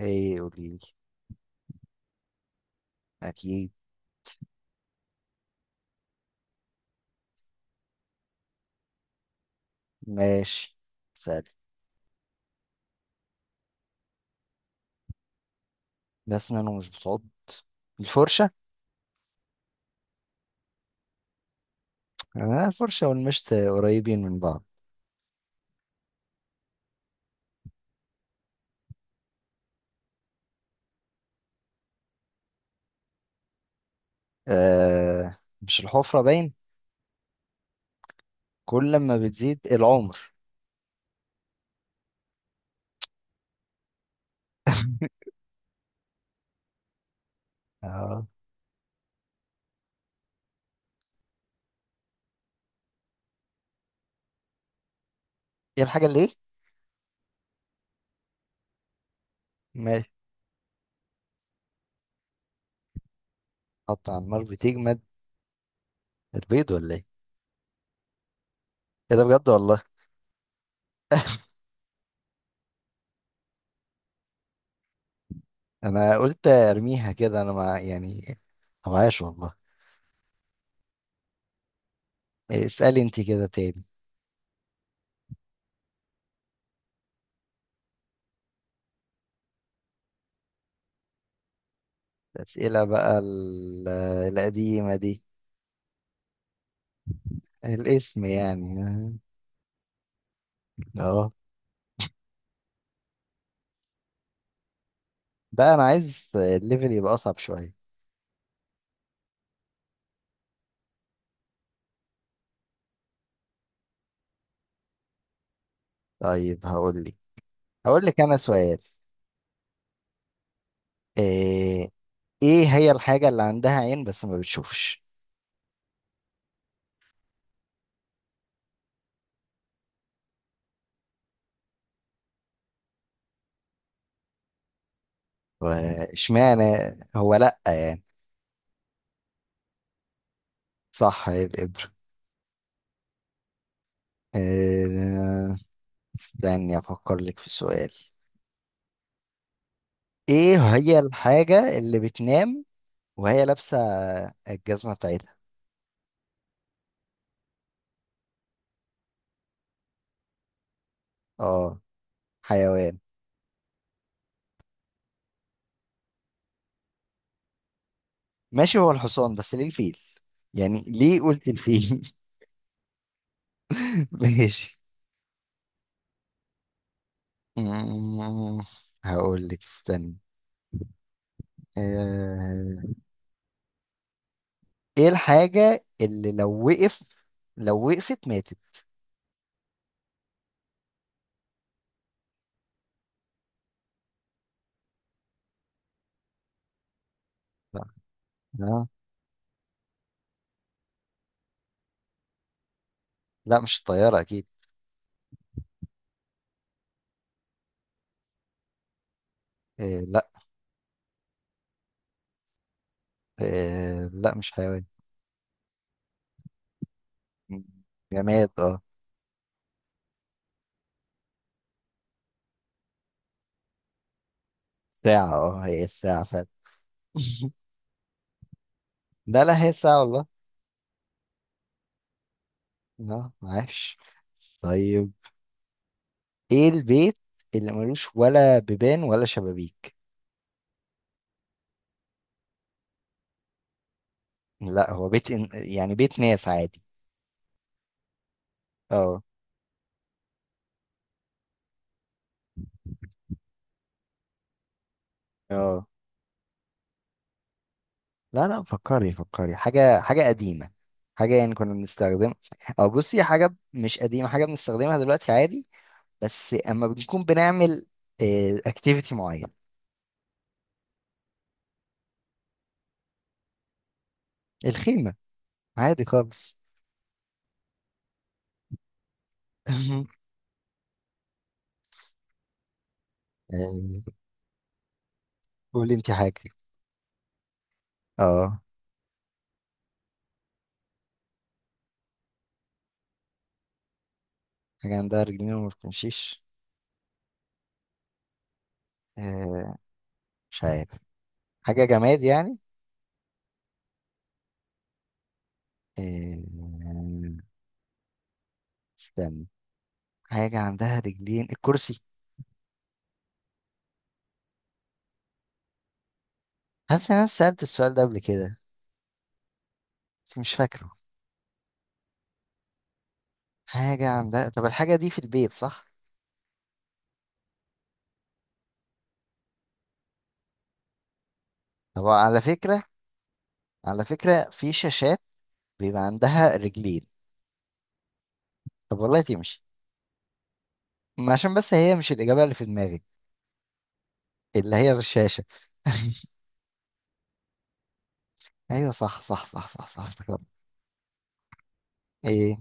ايه، قوليلي. اكيد. ماشي. سهل. ده اسنان ومش بتعض؟ الفرشة. آه، الفرشة والمشط قريبين من بعض. آه، مش الحفرة باين. كل ما بتزيد العمر. اه. ايه الحاجة اللي ايه؟ ماشي. حط على النار بتجمد؟ البيض ولا ايه؟ ايه ده بجد والله. انا قلت ارميها كده، انا مع يعني، ما معايش والله. إيه، اسألي انت كده تاني. الأسئلة بقى القديمة دي. الاسم يعني. اه. بقى انا عايز الليفل يبقى اصعب شويه. طيب، هقول لك انا سؤال. ايه. إيه هي الحاجه اللي عندها عين بس ما بتشوفش؟ واشمعنى؟ هو لا يعني. صح، هي الابره. إيه. استني افكر لك في سؤال. ايه هي الحاجه اللي بتنام وهي لابسه الجزمه بتاعتها؟ اه. حيوان. ماشي، هو الحصان، بس ليه الفيل؟ يعني ليه قلت الفيل؟ ماشي. مم، هقول لك استني. آه، ايه الحاجة اللي لو وقفت ماتت؟ لا. آه، لا، مش الطيارة اكيد. لا. لا مش حيوان. مم، جماد اه. ساعة، اه، هي الساعة فعلا. لا، لا، هي الساعة والله. اه، عاش. طيب. ايه البيت اللي ملوش ولا بيبان ولا شبابيك؟ لا، هو بيت يعني بيت ناس عادي. اه. اه. لا، لا، فكري فكري حاجة حاجة قديمة. حاجة يعني كنا بنستخدمها. أو بصي، حاجة مش قديمة، حاجة بنستخدمها دلوقتي عادي. بس أما بنكون بنعمل اكتيفيتي معين. الخيمة. عادي خالص. آه، قولي انت حاجة. اه. حاجة عندها رجلين وما بتمشيش؟ آه، مش عارف. حاجة جماد يعني؟ آه، استنى. حاجة عندها رجلين، الكرسي. حاسس إن أنا سألت السؤال ده قبل كده. بس مش فاكره. حاجة عندها، طب الحاجة دي في البيت، صح؟ طب، على فكرة. على فكرة، في شاشات بيبقى عندها رجلين. طب والله تمشي. ما عشان بس هي مش الإجابة اللي في دماغي. اللي هي الشاشة. أيوة، صح صح صح صح صح، افتكرت. إيه.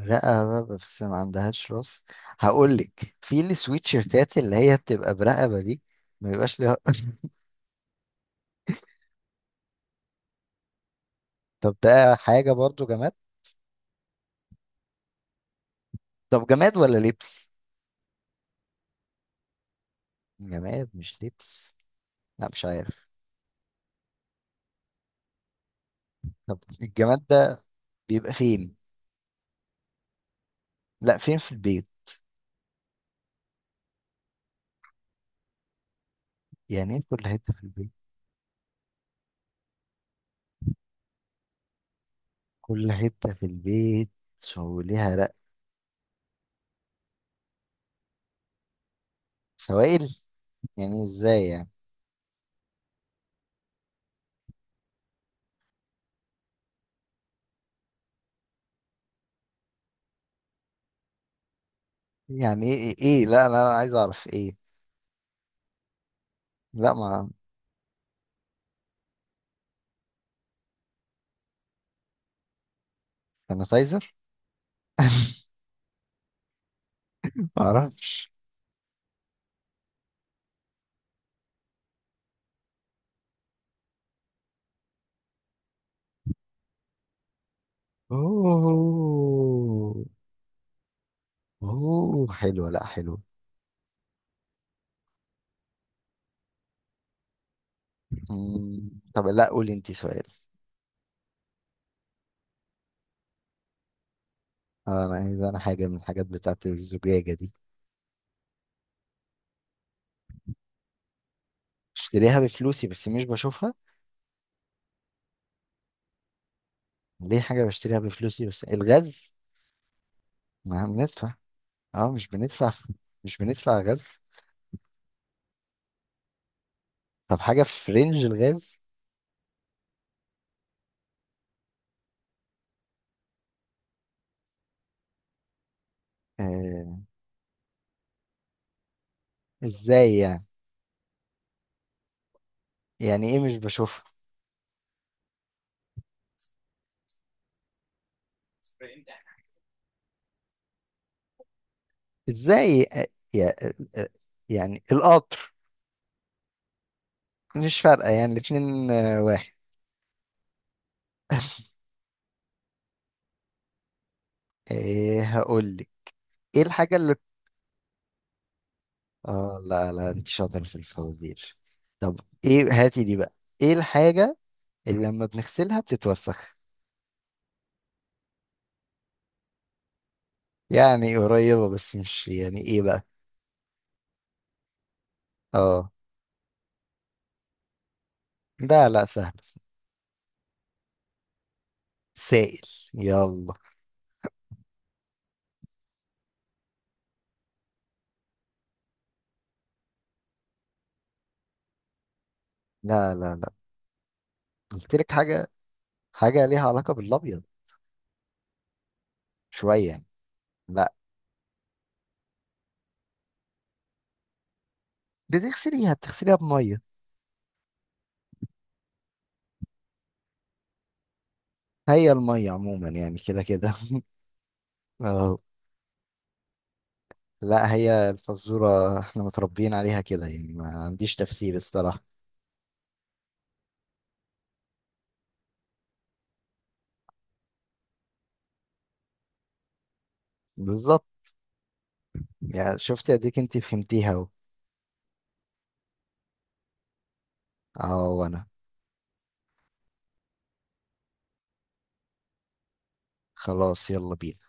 رقبة بس ما عندهاش راس؟ هقول لك، في السويت شيرتات اللي هي بتبقى برقبة دي. ما بيبقاش ليها. طب، ده حاجة برضو جماد. طب، جماد ولا لبس؟ جماد مش لبس. لا، مش عارف. طب، الجماد ده بيبقى فين؟ لا، فين في البيت؟ يعني ايه كل حتة في البيت؟ كل حتة في البيت. وليها سوائل. يعني ازاي يعني؟ يعني إيه؟ لا، أنا عايز اعرف ايه. لا ما، سانيتايزر؟ ما اعرفش. اوه، اوه حلوة، لا حلوة. مم، طب، لا قولي انت سؤال. انا عايز انا حاجة من الحاجات بتاعت الزجاجة دي. بشتريها بفلوسي بس مش بشوفها؟ ليه، حاجة بشتريها بفلوسي بس، الغاز. ما بندفع. اه، مش بندفع. مش بندفع غاز. طب، حاجة في رينج الغاز. آه. ازاي يعني؟ يعني ايه مش بشوفها؟ ازاي؟ يا- آه، يعني القطر. مش فارقة يعني الاتنين واحد. ايه، هقول لك. ايه الحاجة اللي. اه، لا، لا، انت شاطر في الفوازير. طب، ايه هاتي دي بقى. ايه الحاجة اللي لما بنغسلها بتتوسخ؟ يعني قريبة، بس مش يعني، ايه بقى. اه. لا، لا، سهل سهل. سائل. يلا. لا، لا، لا، قلت لك حاجة. حاجة ليها علاقة بالابيض. شوية يعني. لا. بتغسليها بمية. هي المية عموما يعني كده كده. اه. لا، هي الفزورة احنا متربيين عليها كده، يعني ما عنديش تفسير الصراحة. بالظبط. يعني شفتي، اديك انت فهمتيها اهو. اه، وانا. خلاص، يلا بينا.